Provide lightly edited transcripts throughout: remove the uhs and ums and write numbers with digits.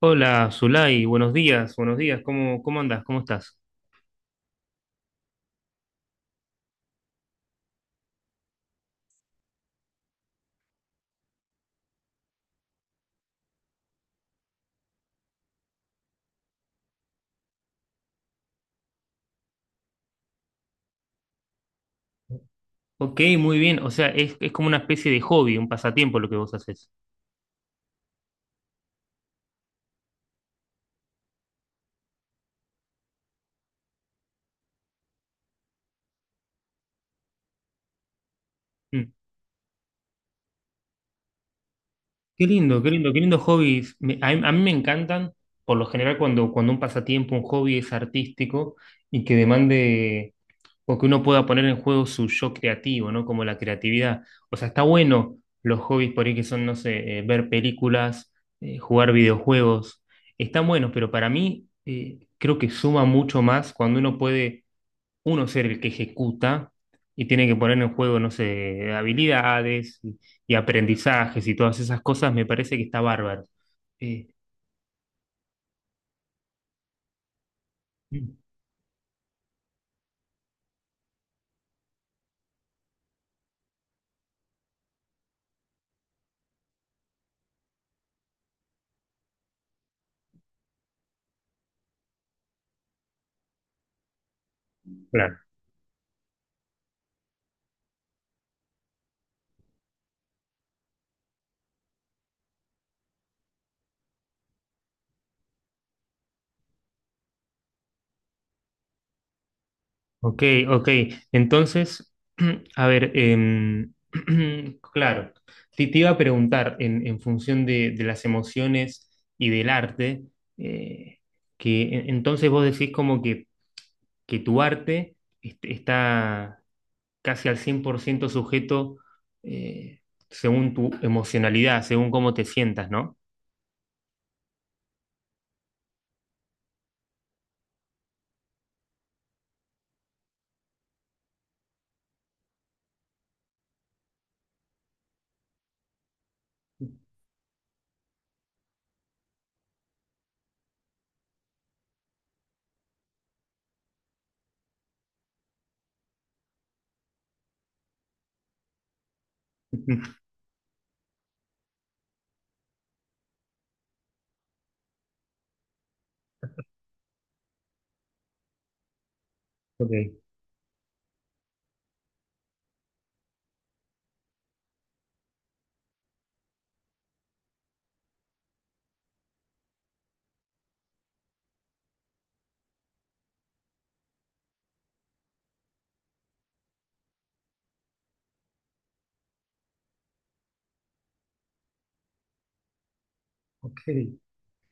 Hola, Zulay, buenos días, ¿cómo andás? ¿Cómo estás? Ok, muy bien, o sea, es como una especie de hobby, un pasatiempo lo que vos haces. Mm. Qué lindo, qué lindo, qué lindo hobbies. A mí me encantan, por lo general, cuando un pasatiempo, un hobby es artístico y que demande o que uno pueda poner en juego su yo creativo, ¿no? Como la creatividad. O sea, está bueno los hobbies por ahí que son, no sé, ver películas, jugar videojuegos. Están buenos, pero para mí creo que suma mucho más cuando uno puede, uno ser el que ejecuta y tiene que poner en juego, no sé, habilidades y aprendizajes y todas esas cosas, me parece que está bárbaro. Eh, claro. Ok, ok. Entonces, a ver, claro, te iba a preguntar en función de las emociones y del arte, eh, que entonces vos decís como que tu arte está casi al 100% sujeto eh, según tu emocionalidad, según cómo te sientas, ¿no? Ok, ok.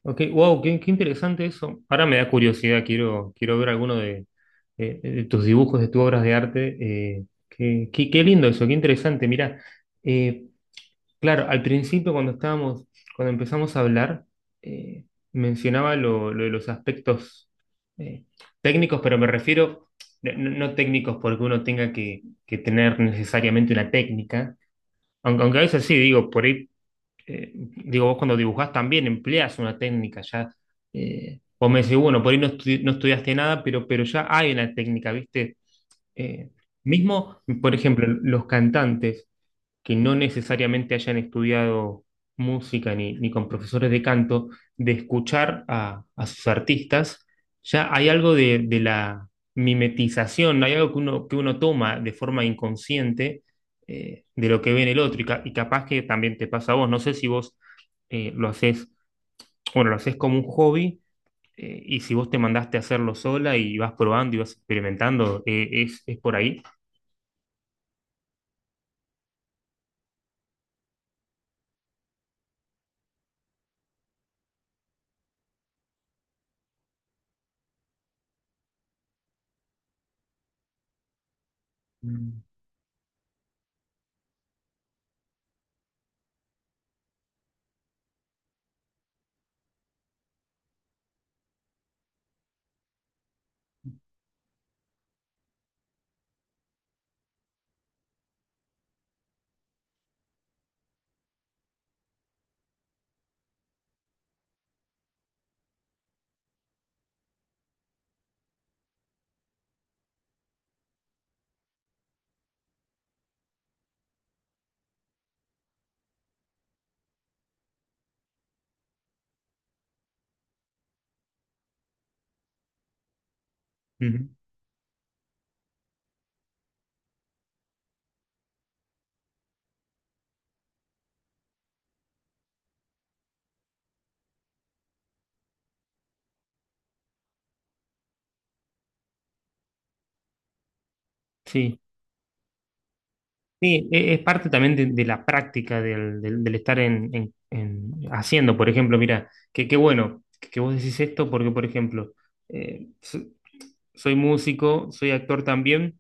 Ok, wow, qué, qué interesante eso. Ahora me da curiosidad, quiero, quiero ver alguno de, de tus dibujos, de tus obras de arte. Qué, qué lindo eso, qué interesante. Mira, eh, claro, al principio cuando estábamos, cuando empezamos a hablar, eh, mencionaba lo de los aspectos eh, técnicos, pero me refiero, no, no técnicos porque uno tenga que tener necesariamente una técnica, aunque, aunque a veces sí, digo, por ahí digo, vos cuando dibujás también empleás una técnica, ya, vos me decís, bueno, por ahí no, no estudiaste nada, pero ya hay una técnica, ¿viste? Eh, mismo, por ejemplo, los cantantes que no necesariamente hayan estudiado música ni, ni con profesores de canto, de escuchar a sus artistas, ya hay algo de la mimetización, hay algo que uno toma de forma inconsciente de lo que ve en el otro, y, y capaz que también te pasa a vos, no sé si vos lo haces, bueno, lo haces como un hobby. Y si vos te mandaste a hacerlo sola y vas probando y vas experimentando, es por ahí. Mm, ujú. Sí. Sí, es parte también de la práctica del, del estar en, haciendo, por ejemplo, mira, que qué bueno que vos decís esto porque, por ejemplo, eh, so- soy músico, soy actor también,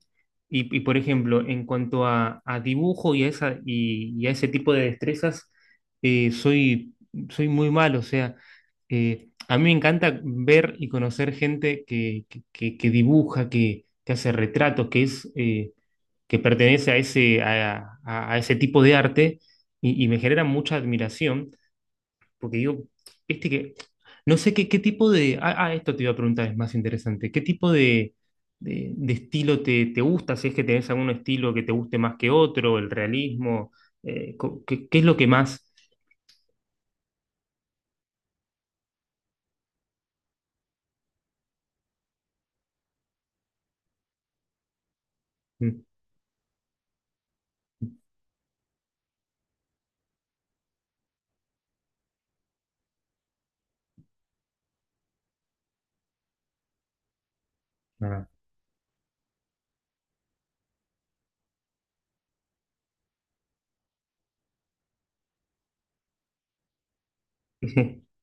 y, por ejemplo, en cuanto a dibujo y a, esa, y a ese tipo de destrezas, soy, soy muy malo, o sea, a mí me encanta ver y conocer gente que, que dibuja, que hace retratos, que es... que pertenece a ese, a, a ese tipo de arte y me genera mucha admiración, porque digo, viste que, no sé qué, qué tipo de, ah, ah, esto te iba a preguntar, es más interesante, ¿qué tipo de, de estilo te, te gusta? Si es que tenés algún estilo que te guste más que otro, el realismo, ¿qué, qué es lo que más... Mm, nada.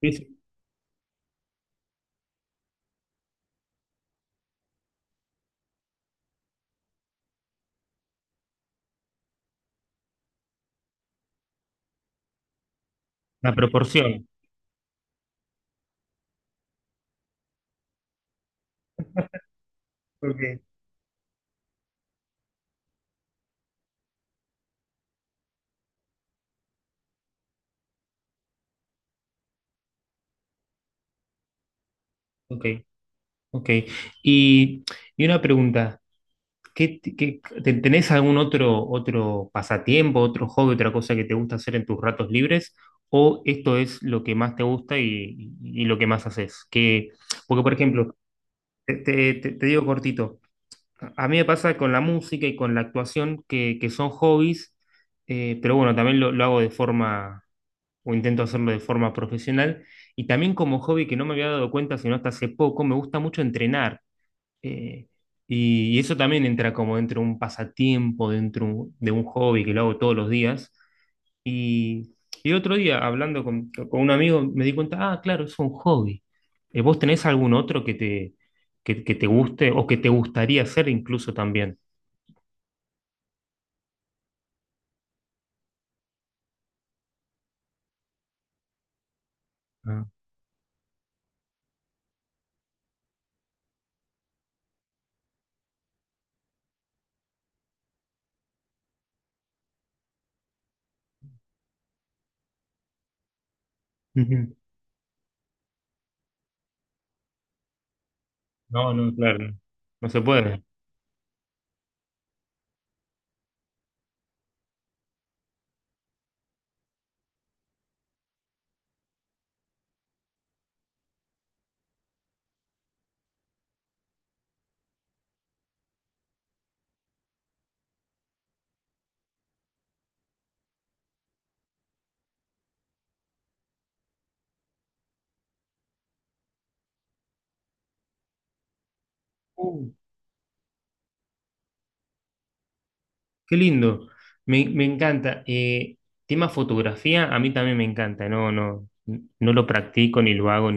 Es La proporción. Ok, ok. Ok. Y, y una pregunta. ¿Qué, tenés algún otro, otro pasatiempo, otro hobby, otra cosa que te gusta hacer en tus ratos libres? ¿O esto es lo que más te gusta y lo que más haces? Que, porque, por ejemplo, te, te digo cortito, a mí me pasa con la música y con la actuación que son hobbies, pero bueno, también lo hago de forma, o intento hacerlo de forma profesional. Y también como hobby que no me había dado cuenta sino hasta hace poco, me gusta mucho entrenar. Eh, y eso también entra como dentro de un pasatiempo, dentro de un hobby que lo hago todos los días. Y, y otro día, hablando con un amigo, me di cuenta, ah, claro, es un hobby. ¿Vos tenés algún otro que te guste o que te gustaría hacer incluso también? Ah. Ujú. No, no, claro. No se puede. Uh, qué lindo. Me encanta. Tema fotografía, a mí también me encanta. No, no, no lo practico ni lo hago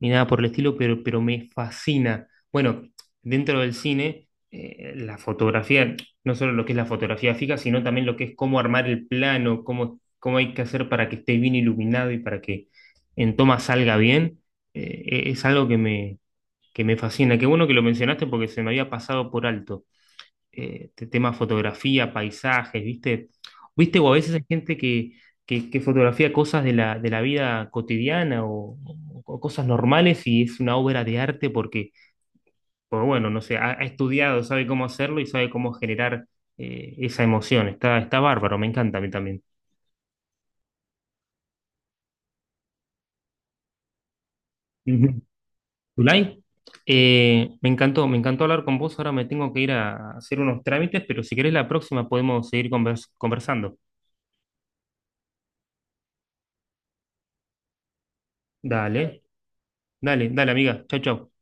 ni nada por el estilo, pero me fascina. Bueno, dentro del cine, la fotografía, no solo lo que es la fotografía fija, sino también lo que es cómo armar el plano, cómo, cómo hay que hacer para que esté bien iluminado y para que en toma salga bien, e, es algo que me fascina. Qué bueno que lo mencionaste porque se me había pasado por alto tema fotografía, paisajes, ¿viste? ¿Viste? O a veces hay gente que fotografía cosas de la vida cotidiana o, cosas normales y es una obra de arte porque, pues bueno, no sé, ha, ha estudiado, sabe cómo hacerlo y sabe cómo generar esa emoción. Está, está bárbaro, me encanta a mí también. Ujú. Zulay, me encantó hablar con vos. Ahora me tengo que ir a hacer unos trámites, pero si querés la próxima podemos seguir conversando. Dale, dale, dale, amiga. Chau, chau.